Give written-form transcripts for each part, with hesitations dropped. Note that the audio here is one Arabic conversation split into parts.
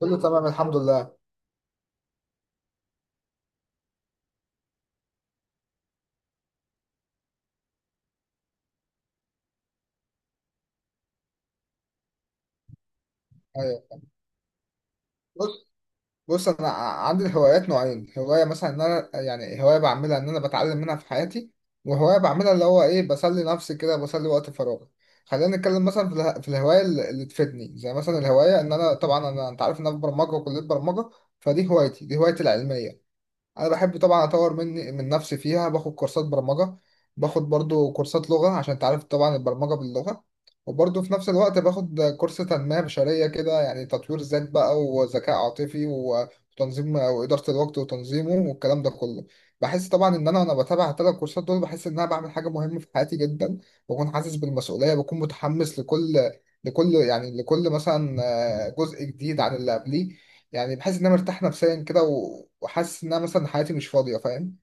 كله تمام الحمد لله. ايوه. بص، بص، انا عندي هوايات نوعين. هوايه مثلا ان انا، يعني هوايه بعملها ان انا بتعلم منها في حياتي، وهوايه بعملها اللي هو ايه، بسلي نفسي كده، بسلي وقت فراغي. خلينا نتكلم مثلا في الهوايه اللي تفيدني، زي مثلا الهوايه ان انا، طبعا انا انت عارف ان انا في برمجه وكليه برمجه، فدي هوايتي، دي هوايتي العلميه. انا بحب طبعا اطور من نفسي فيها، باخد كورسات برمجه، باخد برضو كورسات لغه عشان انت عارف طبعا البرمجه باللغه. وبرضو في نفس الوقت باخد كورس تنميه بشريه كده، يعني تطوير ذات بقى، وذكاء عاطفي، وتنظيم واداره الوقت وتنظيمه، والكلام ده كله. بحس طبعا ان انا وانا بتابع الثلاث كورسات دول، بحس ان انا بعمل حاجه مهمه في حياتي جدا. بكون حاسس بالمسؤوليه، بكون متحمس لكل، لكل مثلا جزء جديد عن اللي قبليه. يعني بحس ان انا مرتاح نفسيا كده، وحاسس ان انا مثلا حياتي مش فاضيه، فاهم؟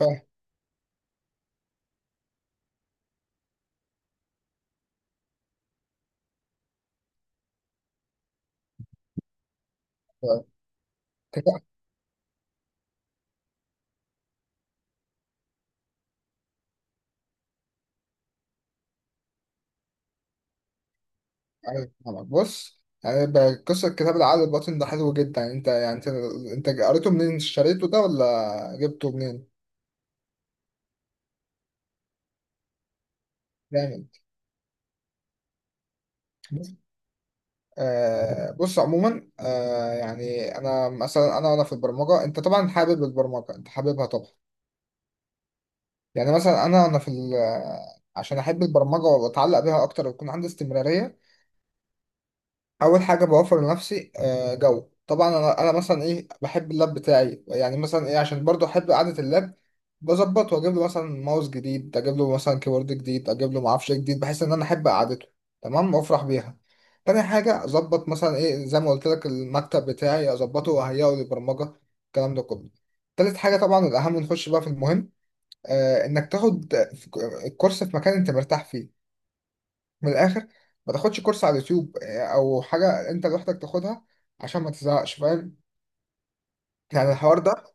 فاهم. فاهم. كتاب- أيوة، فاهمك. بص، يعني قصه كتاب العقل الباطن ده حلو جدا. يعني انت، يعني انت قريته منين، اشتريته ده ولا جبته منين؟ جامد. بص. بص عموما، يعني انا مثلا، انا وانا في البرمجه، انت طبعا حابب البرمجه، انت حاببها طبعا. يعني مثلا انا عشان احب البرمجه واتعلق بيها اكتر ويكون عندي استمراريه، اول حاجه بوفر لنفسي جو. طبعا انا مثلا ايه، بحب اللاب بتاعي، يعني مثلا ايه، عشان برضو احب قعده اللاب، بظبطه واجيب له مثلا ماوس جديد، اجيب له مثلا كيبورد جديد، اجيب له معرفش إيه جديد، بحيث ان انا احب قعدته، تمام، وافرح بيها. تاني حاجه، اظبط مثلا ايه زي ما قلت لك المكتب بتاعي، اظبطه واهيئه للبرمجه، الكلام ده كله. تالت حاجه، طبعا الاهم، نخش بقى في المهم، انك تاخد كورس في مكان انت مرتاح فيه، من الاخر. ما تاخدش كورس على اليوتيوب او حاجه انت لوحدك تاخدها، عشان ما تزهقش، فاهم؟ يعني الحوار ده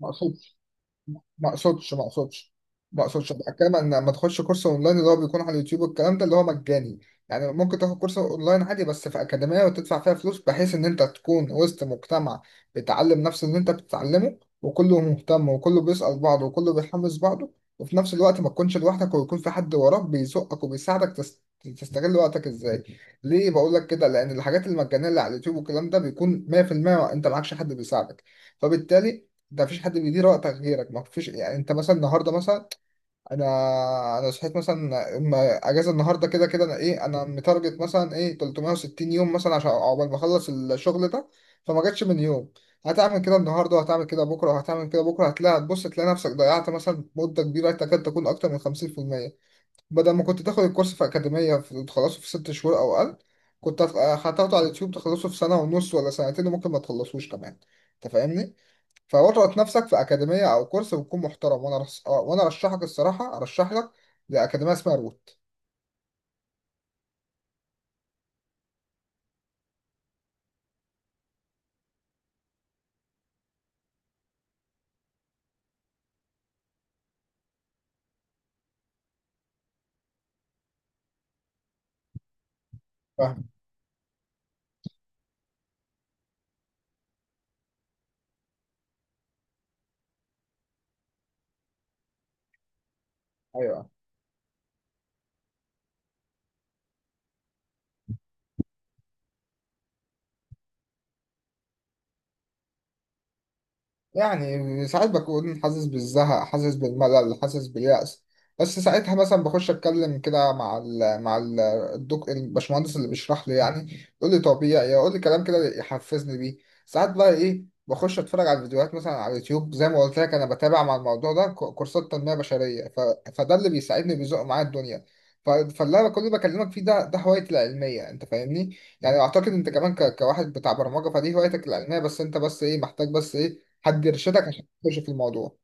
مقصود. ما اقصدش ما اقصدش ما اقصدش بتكلم ان لما تخش كورس اونلاين اللي هو بيكون على اليوتيوب والكلام ده اللي هو مجاني. يعني ممكن تاخد كورس اونلاين عادي، بس في اكاديميه وتدفع فيها فلوس، بحيث ان انت تكون وسط مجتمع بيتعلم نفس اللي انت بتتعلمه، وكله مهتم، وكله بيسأل بعضه، وكله بيحمس بعضه، وفي نفس الوقت ما تكونش لوحدك، ويكون في حد وراك بيزقك وبيساعدك تستغل وقتك ازاي. ليه بقول لك كده؟ لان الحاجات المجانيه اللي على اليوتيوب والكلام ده بيكون 100% انت معكش حد بيساعدك. فبالتالي ده مفيش حد بيدير وقتك غيرك، ما فيش. يعني انت مثلا النهارده مثلا، انا انا صحيت مثلا، اما اجازه النهارده كده كده انا ايه، انا متارجت مثلا ايه 360 يوم مثلا عشان عقبال ما اخلص الشغل ده، فما جاتش من يوم هتعمل كده النهارده، وهتعمل كده بكره، وهتعمل كده بكره، هتلاقي، هتبص تلاقي نفسك ضيعت مثلا مده كبيره تكاد تكون اكتر من 50%. بدل ما كنت تاخد الكورس في اكاديميه تخلصه في 6 شهور او اقل، كنت هت- هتاخده على اليوتيوب تخلصه في سنه ونص ولا سنتين، وممكن ما تخلصوش كمان. انت فاهمني؟ فاضغط نفسك في اكاديميه او كورس بتكون محترم، وانا رس... آه، وانا ارشحك، الصراحه ارشح لك زي اكاديميه اسمها روت. فاهم. ايوه، يعني ساعات بكون حاسس بالزهق، حاسس بالملل، حاسس باليأس. بس ساعتها مثلا بخش اتكلم كده مع الدك الباشمهندس اللي بيشرح لي، يعني يقول لي طبيعي، يقول لي كلام كده يحفزني بيه. ساعات بقى ايه، بخش اتفرج على الفيديوهات مثلا على اليوتيوب زي ما قلت لك، انا بتابع مع الموضوع ده كورسات تنمية بشرية. فده اللي بيساعدني بيزق معايا الدنيا. فاللي انا كل بكلمك فيه ده، ده هوايتي العلمية، انت فاهمني؟ يعني اعتقد انت كمان كواحد بتاع برمجة، فدي هوايتك العلمية، بس انت بس ايه محتاج، بس ايه، حد يرشدك عشان تخش في الموضوع.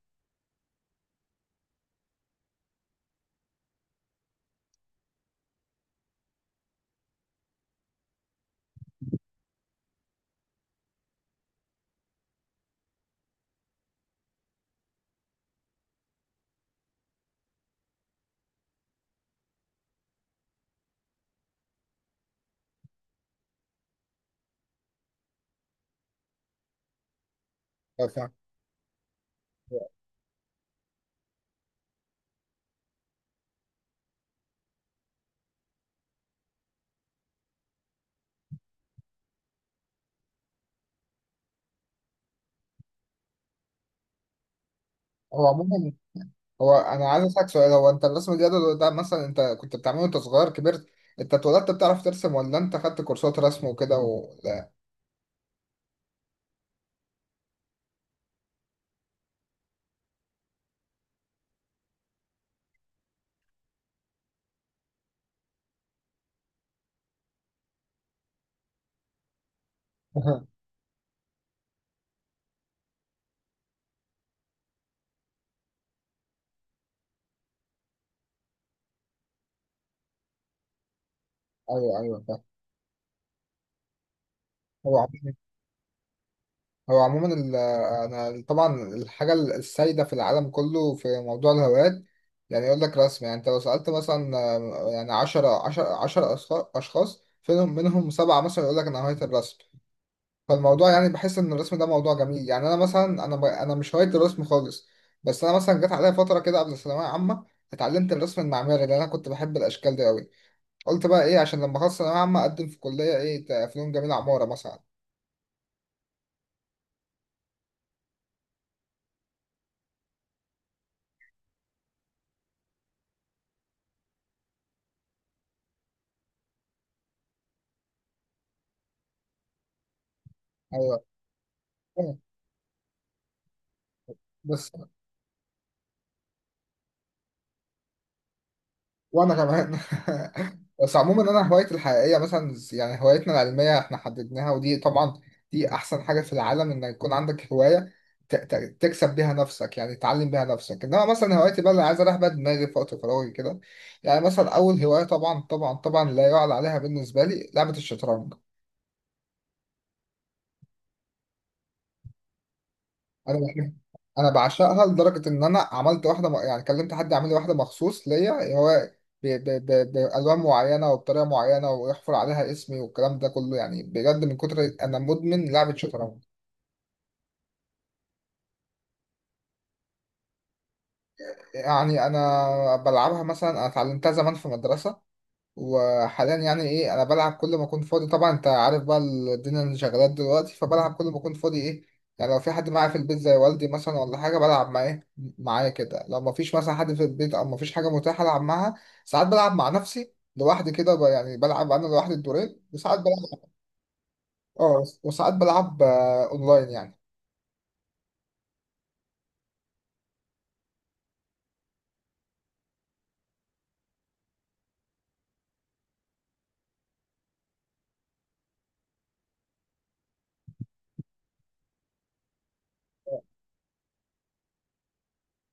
اه، فاهم. هو عموما، انا عايز اسالك سؤال، هو انت الرسم الجدول ده مثلا انت كنت بتعمله وانت صغير كبرت، انت اتولدت بتعرف ترسم، ولا انت خدت كورسات رسم وكده لا. ايوه، ايوه، فاهم. هو عموما، انا طبعا الحاجه السائده في العالم كله في موضوع الهوايات، يعني يقول لك رسم. يعني انت لو سالت مثلا يعني 10 10 10 اشخاص، فيهم منهم 7 مثلا يقول لك انا هوايه الرسم. فالموضوع يعني بحس ان الرسم ده موضوع جميل، يعني انا مثلا انا مش هوايه الرسم خالص. بس انا مثلا جت عليا فتره كده قبل الثانويه عامه، اتعلمت الرسم المعماري لان انا كنت بحب الاشكال دي قوي. قلت بقى ايه عشان لما اخلص ثانويه عامه اقدم في كليه ايه، فنون جميله، عماره مثلا. ايوه، بس وانا كمان. بس عموما، انا هوايتي الحقيقيه مثلا، يعني هوايتنا العلميه احنا حددناها، ودي طبعا دي احسن حاجه في العالم، ان يكون عندك هوايه تكسب بيها نفسك، يعني تعلم بيها نفسك. انما مثلا هوايتي بقى اللي عايز اريح بيها دماغي في وقت فراغي كده، يعني مثلا اول هوايه، طبعا طبعا طبعا لا يعلى عليها بالنسبه لي، لعبه الشطرنج. انا بحب، انا بعشقها لدرجه ان انا عملت يعني كلمت حد يعمل لي واحده مخصوص ليا هو، بالوان معينه وبطريقه معينه، ويحفر عليها اسمي والكلام ده كله. يعني بجد من كتر مدمن لعبه شطرنج. يعني انا بلعبها مثلا، انا اتعلمتها زمان في مدرسه، وحاليا يعني ايه، انا بلعب كل ما اكون فاضي. طبعا انت عارف بقى الدنيا اللي شغالات دلوقتي، فبلعب كل ما اكون فاضي ايه. يعني لو في حد معايا في البيت زي والدي مثلا ولا حاجه بلعب معاه معايا كده، لو ما فيش مثلا حد في البيت او ما فيش حاجه متاحه العب معاها، ساعات بلعب مع نفسي لوحدي كده، يعني بلعب انا لوحدي الدورين. وساعات بلعب اه، وساعات بلعب اونلاين يعني.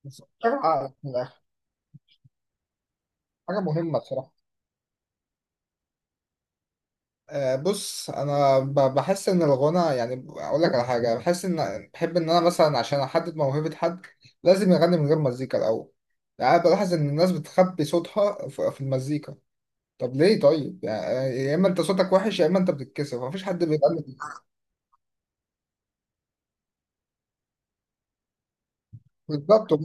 بس بلعب من الآخر. حاجه مهمه بصراحه. بص، انا بحس ان الغنى، يعني اقول لك على حاجه، بحس ان بحب ان انا مثلا عشان احدد موهبه حد لازم يغني من غير مزيكا الاول. يعني بلاحظ ان الناس بتخبي صوتها في المزيكا. طب ليه؟ طيب يعني يا اما انت صوتك وحش، يا اما انت بتتكسف، مفيش حد بيغني بالظبط.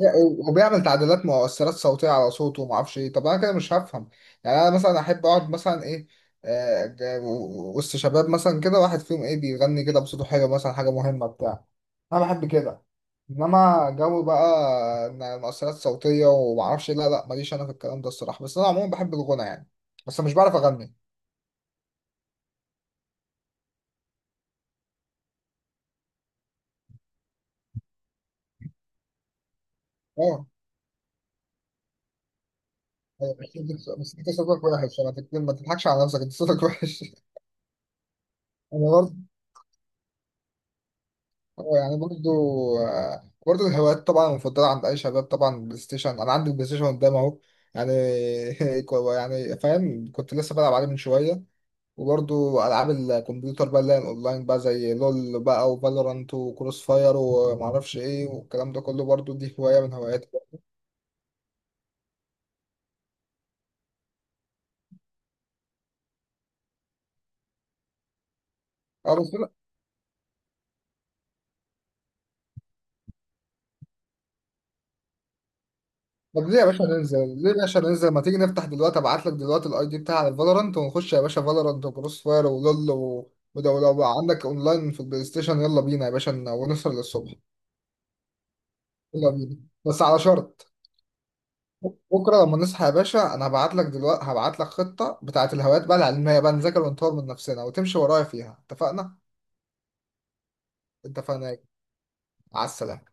وبيعمل تعديلات مؤثرات صوتيه على صوته وما اعرفش ايه، طب انا كده مش هفهم. يعني انا مثلا احب اقعد مثلا ايه، آه، ج- وسط شباب مثلا كده، واحد فيهم ايه بيغني كده بصوته حلو مثلا، حاجه مهمه بتاع، انا بحب كده. انما جو بقى إن مؤثرات صوتيه وما اعرفش إيه، لا لا، ماليش انا في الكلام ده الصراحه. بس انا عموما بحب الغنى، يعني بس مش بعرف اغني. اه. بس انت بس أنت صوتك وحش، انا، ما تضحكش على نفسك، انت صوتك وحش. انا برضه. هو يعني برضو، برضو الهوايات طبعا المفضلة عند أي شباب، طبعا بلاي ستيشن، أنا عندي بلاي ستيشن قدام أهو، يعني. يعني فاهم، كنت لسه بلعب عليه من شوية. وبرضو ألعاب الكمبيوتر بقى اللي هي الأونلاين بقى، زي لول بقى، وفالورانت، وكروس فاير، ومعرفش إيه، والكلام ده كله برضو دي هواية من هواياتي. طب ليه يا باشا ننزل؟ ليه يا باشا ننزل؟ ما تيجي نفتح دلوقتي، ابعت لك دلوقتي الاي دي بتاع الفالورانت ونخش يا باشا فالورانت، وكروس فاير، ولول، ولو بقى عندك اونلاين في البلاي ستيشن، يلا بينا يا باشا، ونسهر للصبح. يلا بينا، بس على شرط، بكره لما نصحى يا باشا، انا هبعت لك دلوقتي، هبعت لك خطه بتاعه الهوايات بقى العلميه بقى، نذاكر ونطور من نفسنا وتمشي ورايا فيها، اتفقنا؟ اتفقنا. على السلامه.